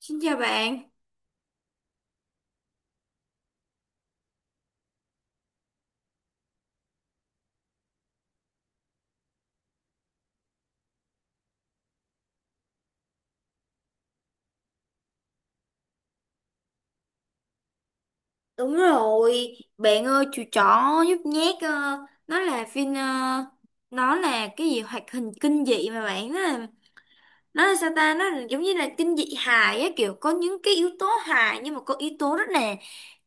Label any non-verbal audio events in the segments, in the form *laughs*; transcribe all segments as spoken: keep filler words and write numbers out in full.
Xin chào bạn. Đúng rồi, bạn ơi, chú chó nhút nhát ờ, nó là phim, ờ, nó là cái gì hoạt hình kinh dị mà bạn, nó là nó là sao ta, nó là giống như là kinh dị hài á, kiểu có những cái yếu tố hài nhưng mà có yếu tố rất là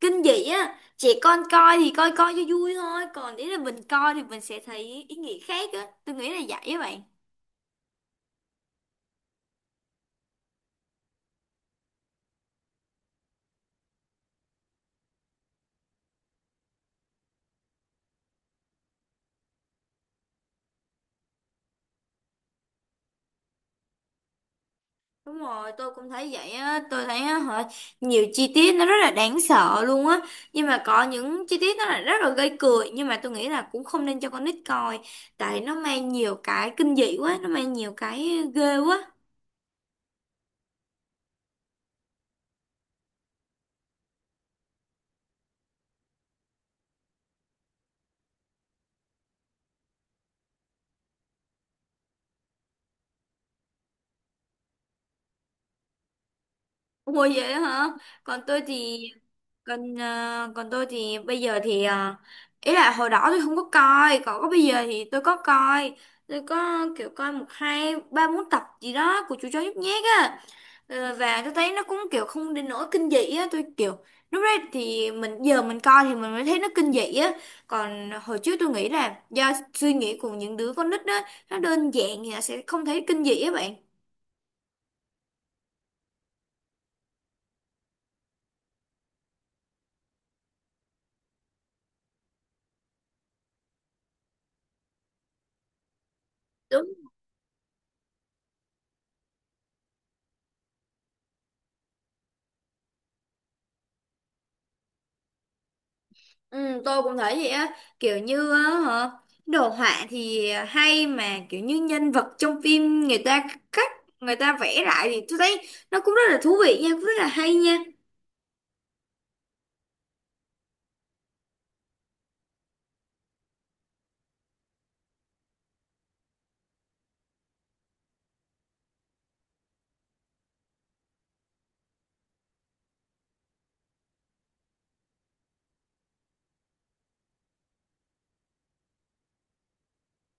kinh dị á. Trẻ con coi thì coi coi cho vui thôi, còn nếu là mình coi thì mình sẽ thấy ý nghĩa khác á, tôi nghĩ là vậy á bạn. Đúng rồi, tôi cũng thấy vậy á, tôi thấy á, hả, nhiều chi tiết nó rất là đáng sợ luôn á, nhưng mà có những chi tiết nó là rất là gây cười, nhưng mà tôi nghĩ là cũng không nên cho con nít coi, tại nó mang nhiều cái kinh dị quá, nó mang nhiều cái ghê quá. Ủa vậy á hả? Còn tôi thì, còn ờ, còn tôi thì bây giờ thì, ờ, ý là hồi đó tôi không có coi, còn có bây giờ thì tôi có coi, tôi có kiểu coi một hai ba bốn tập gì đó của chú chó nhút nhát á. Ờ, và tôi thấy nó cũng kiểu không đến nỗi kinh dị á, tôi kiểu lúc đấy thì mình, giờ mình coi thì mình mới thấy nó kinh dị á, còn hồi trước tôi nghĩ là do suy nghĩ của những đứa con nít á, nó đơn giản thì nó sẽ không thấy kinh dị á bạn. Đúng. Ừ, tôi cũng thấy vậy á, kiểu như á, hả, đồ họa thì hay, mà kiểu như nhân vật trong phim người ta khắc, người ta vẽ lại thì tôi thấy nó cũng rất là thú vị nha, cũng rất là hay nha.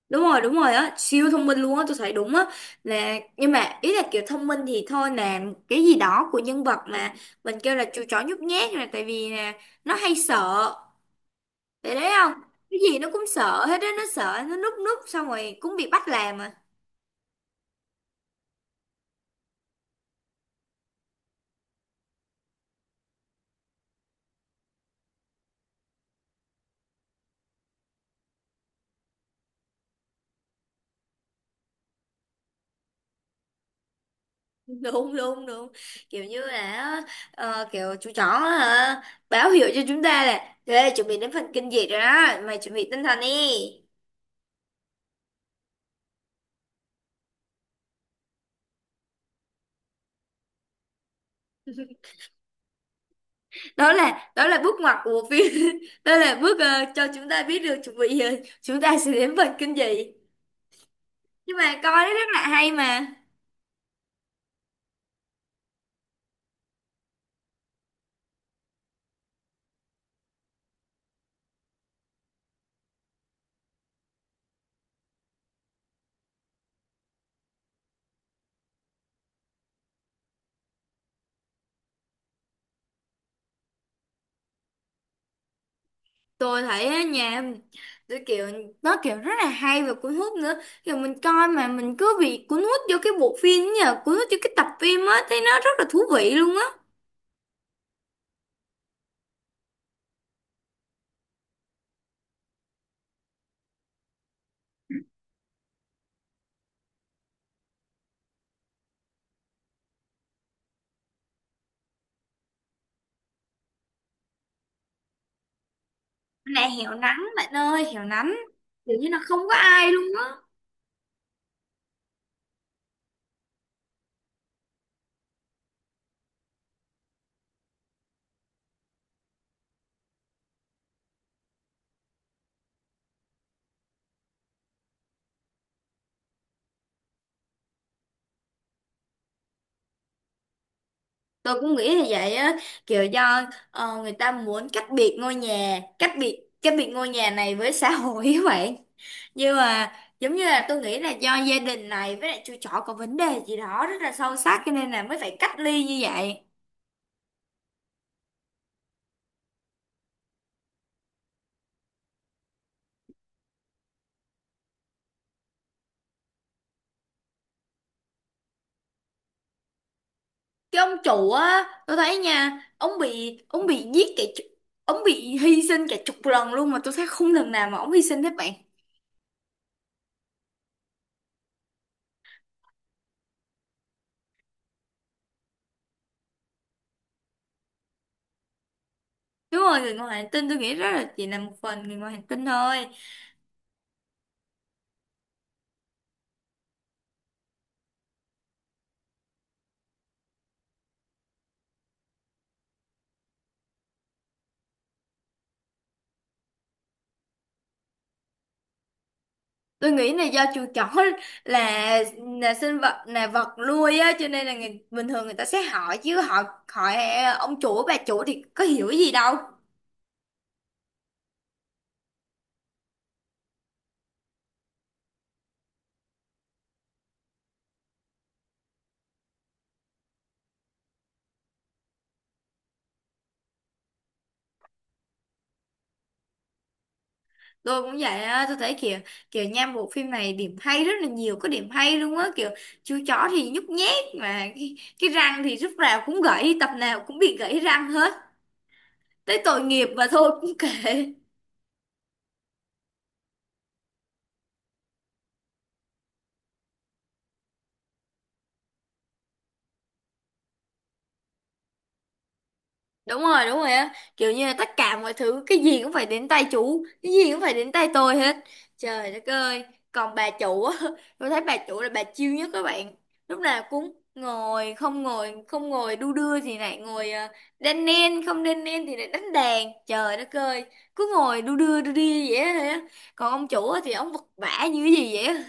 Đúng rồi, đúng rồi á, siêu thông minh luôn á, tôi thấy đúng á. Là nhưng mà ý là kiểu thông minh thì thôi, là cái gì đó của nhân vật, mà mình kêu là chú chó nhút nhát là tại vì là nó hay sợ, phải đấy không? Cái gì nó cũng sợ hết á, nó sợ, nó núp núp xong rồi cũng bị bắt làm à. *laughs* Đúng đúng đúng, kiểu như là, ờ, kiểu chú chó, hả, báo hiệu cho chúng ta là: Ê, chuẩn bị đến phần kinh dị rồi đó mày, chuẩn bị tinh thần đi. Đó là đó là bước ngoặt của bộ phim. *laughs* Đó là bước, ờ, cho chúng ta biết được chuẩn bị, ờ, chúng ta sẽ đến phần kinh dị. Nhưng mà coi nó rất là hay mà. Tôi thấy á, nhà tôi kiểu, nó kiểu rất là hay và cuốn hút nữa, kiểu mình coi mà mình cứ bị cuốn hút vô cái bộ phim ấy, nhờ cuốn hút vô cái tập phim á, thấy nó rất là thú vị luôn á. Này hẻo nắng bạn ơi, hẻo nắng, kiểu như là không có ai luôn. Tôi cũng nghĩ là vậy á, kiểu do, ờ, người ta muốn cách biệt ngôi nhà, cách biệt cách biệt ngôi nhà này với xã hội ấy vậy. Nhưng mà giống như là tôi nghĩ là do gia đình này với lại chú chó có vấn đề gì đó rất là sâu sắc, cho nên là mới phải cách ly như vậy. Cái ông chủ á, tôi thấy nha, ông bị, ông bị giết cả chục- ông bị hy sinh cả chục lần luôn, mà tôi thấy không lần nào mà ông hy sinh hết bạn. Đúng rồi, người ngoài hành tinh, tôi nghĩ rất là, chỉ là một phần người ngoài hành tinh thôi. Tôi nghĩ là do chuột chỏ. *laughs* là là sinh vật, là vật nuôi á, cho nên là người, bình thường người ta sẽ hỏi chứ, họ hỏi ông chủ bà chủ thì có hiểu gì đâu. Tôi cũng vậy á, tôi thấy kiểu, kiểu nha, bộ phim này điểm hay rất là nhiều, có điểm hay luôn á, kiểu chú chó thì nhút nhát, mà cái, cái răng thì lúc nào cũng gãy, tập nào cũng bị gãy răng hết, tới tội nghiệp mà thôi cũng kệ. Đúng rồi, đúng rồi á, kiểu như là tất cả mọi thứ, cái gì cũng phải đến tay chú, cái gì cũng phải đến tay tôi hết, trời đất ơi. Còn bà chủ á, *laughs* tôi thấy bà chủ là bà chill nhất các bạn, lúc nào cũng ngồi không, ngồi không, ngồi đu đưa thì lại ngồi, ờ, đan nen, không đan nen thì lại đánh đàn, trời đất ơi, cứ ngồi đu đưa đu đi vậy á. Còn ông chủ á thì ông vật vã như cái gì vậy á.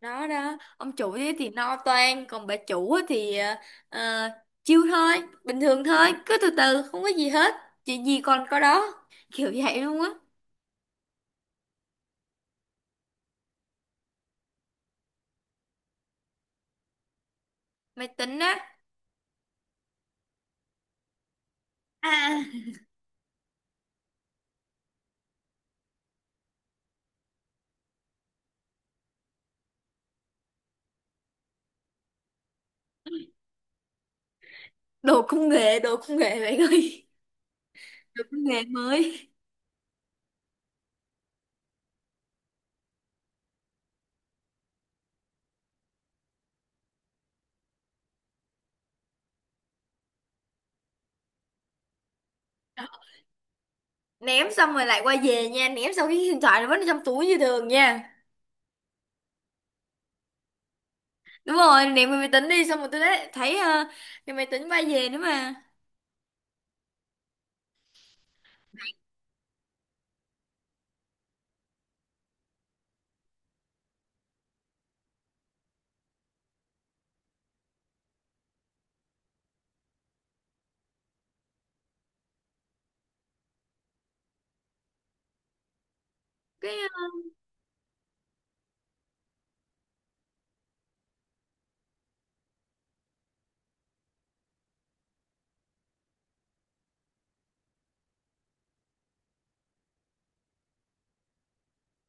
Đó đó, ông chủ thế thì no toan, còn bà chủ á thì à, à, chill thôi, bình thường thôi, cứ từ từ không có gì hết, chuyện gì còn có đó, kiểu vậy luôn á. Máy tính á? À, đồ công nghệ, đồ công nghệ bạn ơi, đồ công nghệ mới. Ném xong rồi lại quay về nha, ném xong cái điện thoại nó vẫn ở trong túi như thường nha. Đúng rồi, ném cái máy tính đi xong rồi tôi đấy thấy, ờ, cái máy tính quay về nữa mà. Cái,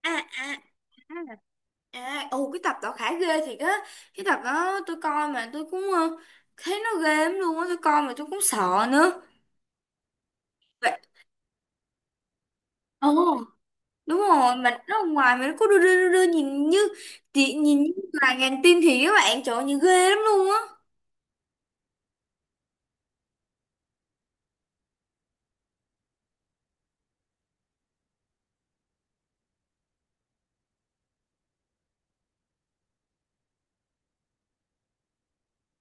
ờ, à à À, ồ, cái tập đó khá ghê thiệt á. Cái tập đó tôi coi mà tôi cũng, ờ, thấy nó ghê lắm luôn á, tôi coi mà tôi cũng sợ nữa. Vậy, ồ, đúng rồi, mà nó ở ngoài mà nó cứ đưa đưa đưa, đưa nhìn như chị, nhìn như là ngàn tim thì các bạn, trời ơi, nhìn ghê lắm luôn á.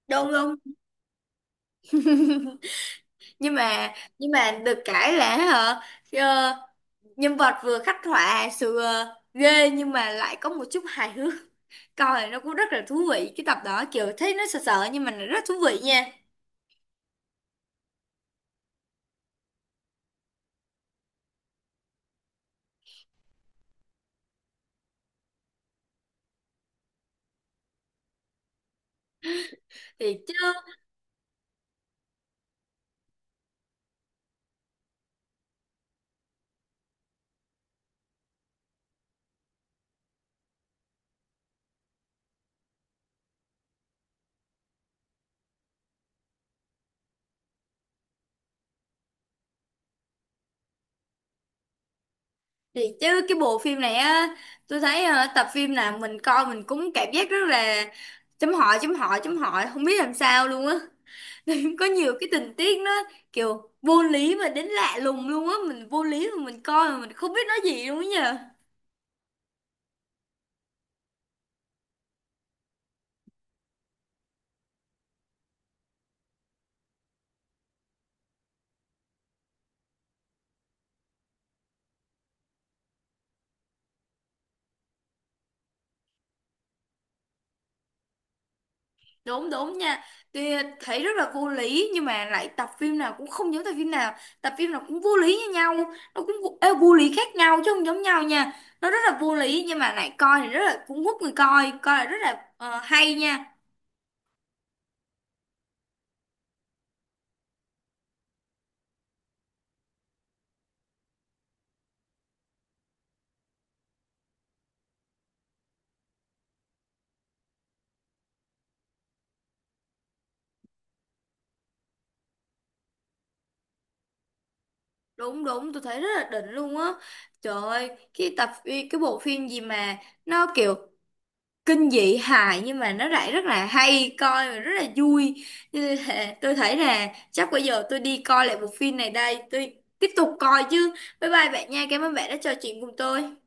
Đúng không? *laughs* Nhưng mà, nhưng mà được cái là, hả, ờ, nhân vật vừa khắc họa sự, ờ, ghê nhưng mà lại có một chút hài hước, coi nó cũng rất là thú vị, cái tập đó kiểu thấy nó sợ sợ nhưng mà nó rất thú vị nha. Thì chứ, thì chứ, cái bộ phim này á, tôi thấy ờ, tập phim nào mình coi mình cũng cảm giác rất là chấm hỏi, chấm hỏi, chấm hỏi, không biết làm sao luôn á. *laughs* Có nhiều cái tình tiết nó kiểu vô lý mà đến lạ lùng luôn á, mình vô lý mà mình coi mà mình không biết nói gì luôn á nhờ. Đúng đúng nha, tuy thấy rất là vô lý nhưng mà lại tập phim nào cũng không giống tập phim nào, tập phim nào cũng vô lý như nhau, nó cũng vô, ê, vô lý khác nhau chứ không giống nhau nha. Nó rất là vô lý nhưng mà lại coi thì rất là cũng hút người coi coi là rất là, ờ, hay nha. Đúng đúng, tôi thấy rất là đỉnh luôn á, trời ơi. Cái tập phi- cái bộ phim gì mà nó kiểu kinh dị hài nhưng mà nó lại rất là hay coi và rất là vui. Cho nên là tôi thấy là chắc bây giờ tôi đi coi lại bộ phim này đây, tôi tiếp tục coi chứ. Bye bye bạn nha, cảm ơn bạn đã trò chuyện cùng tôi.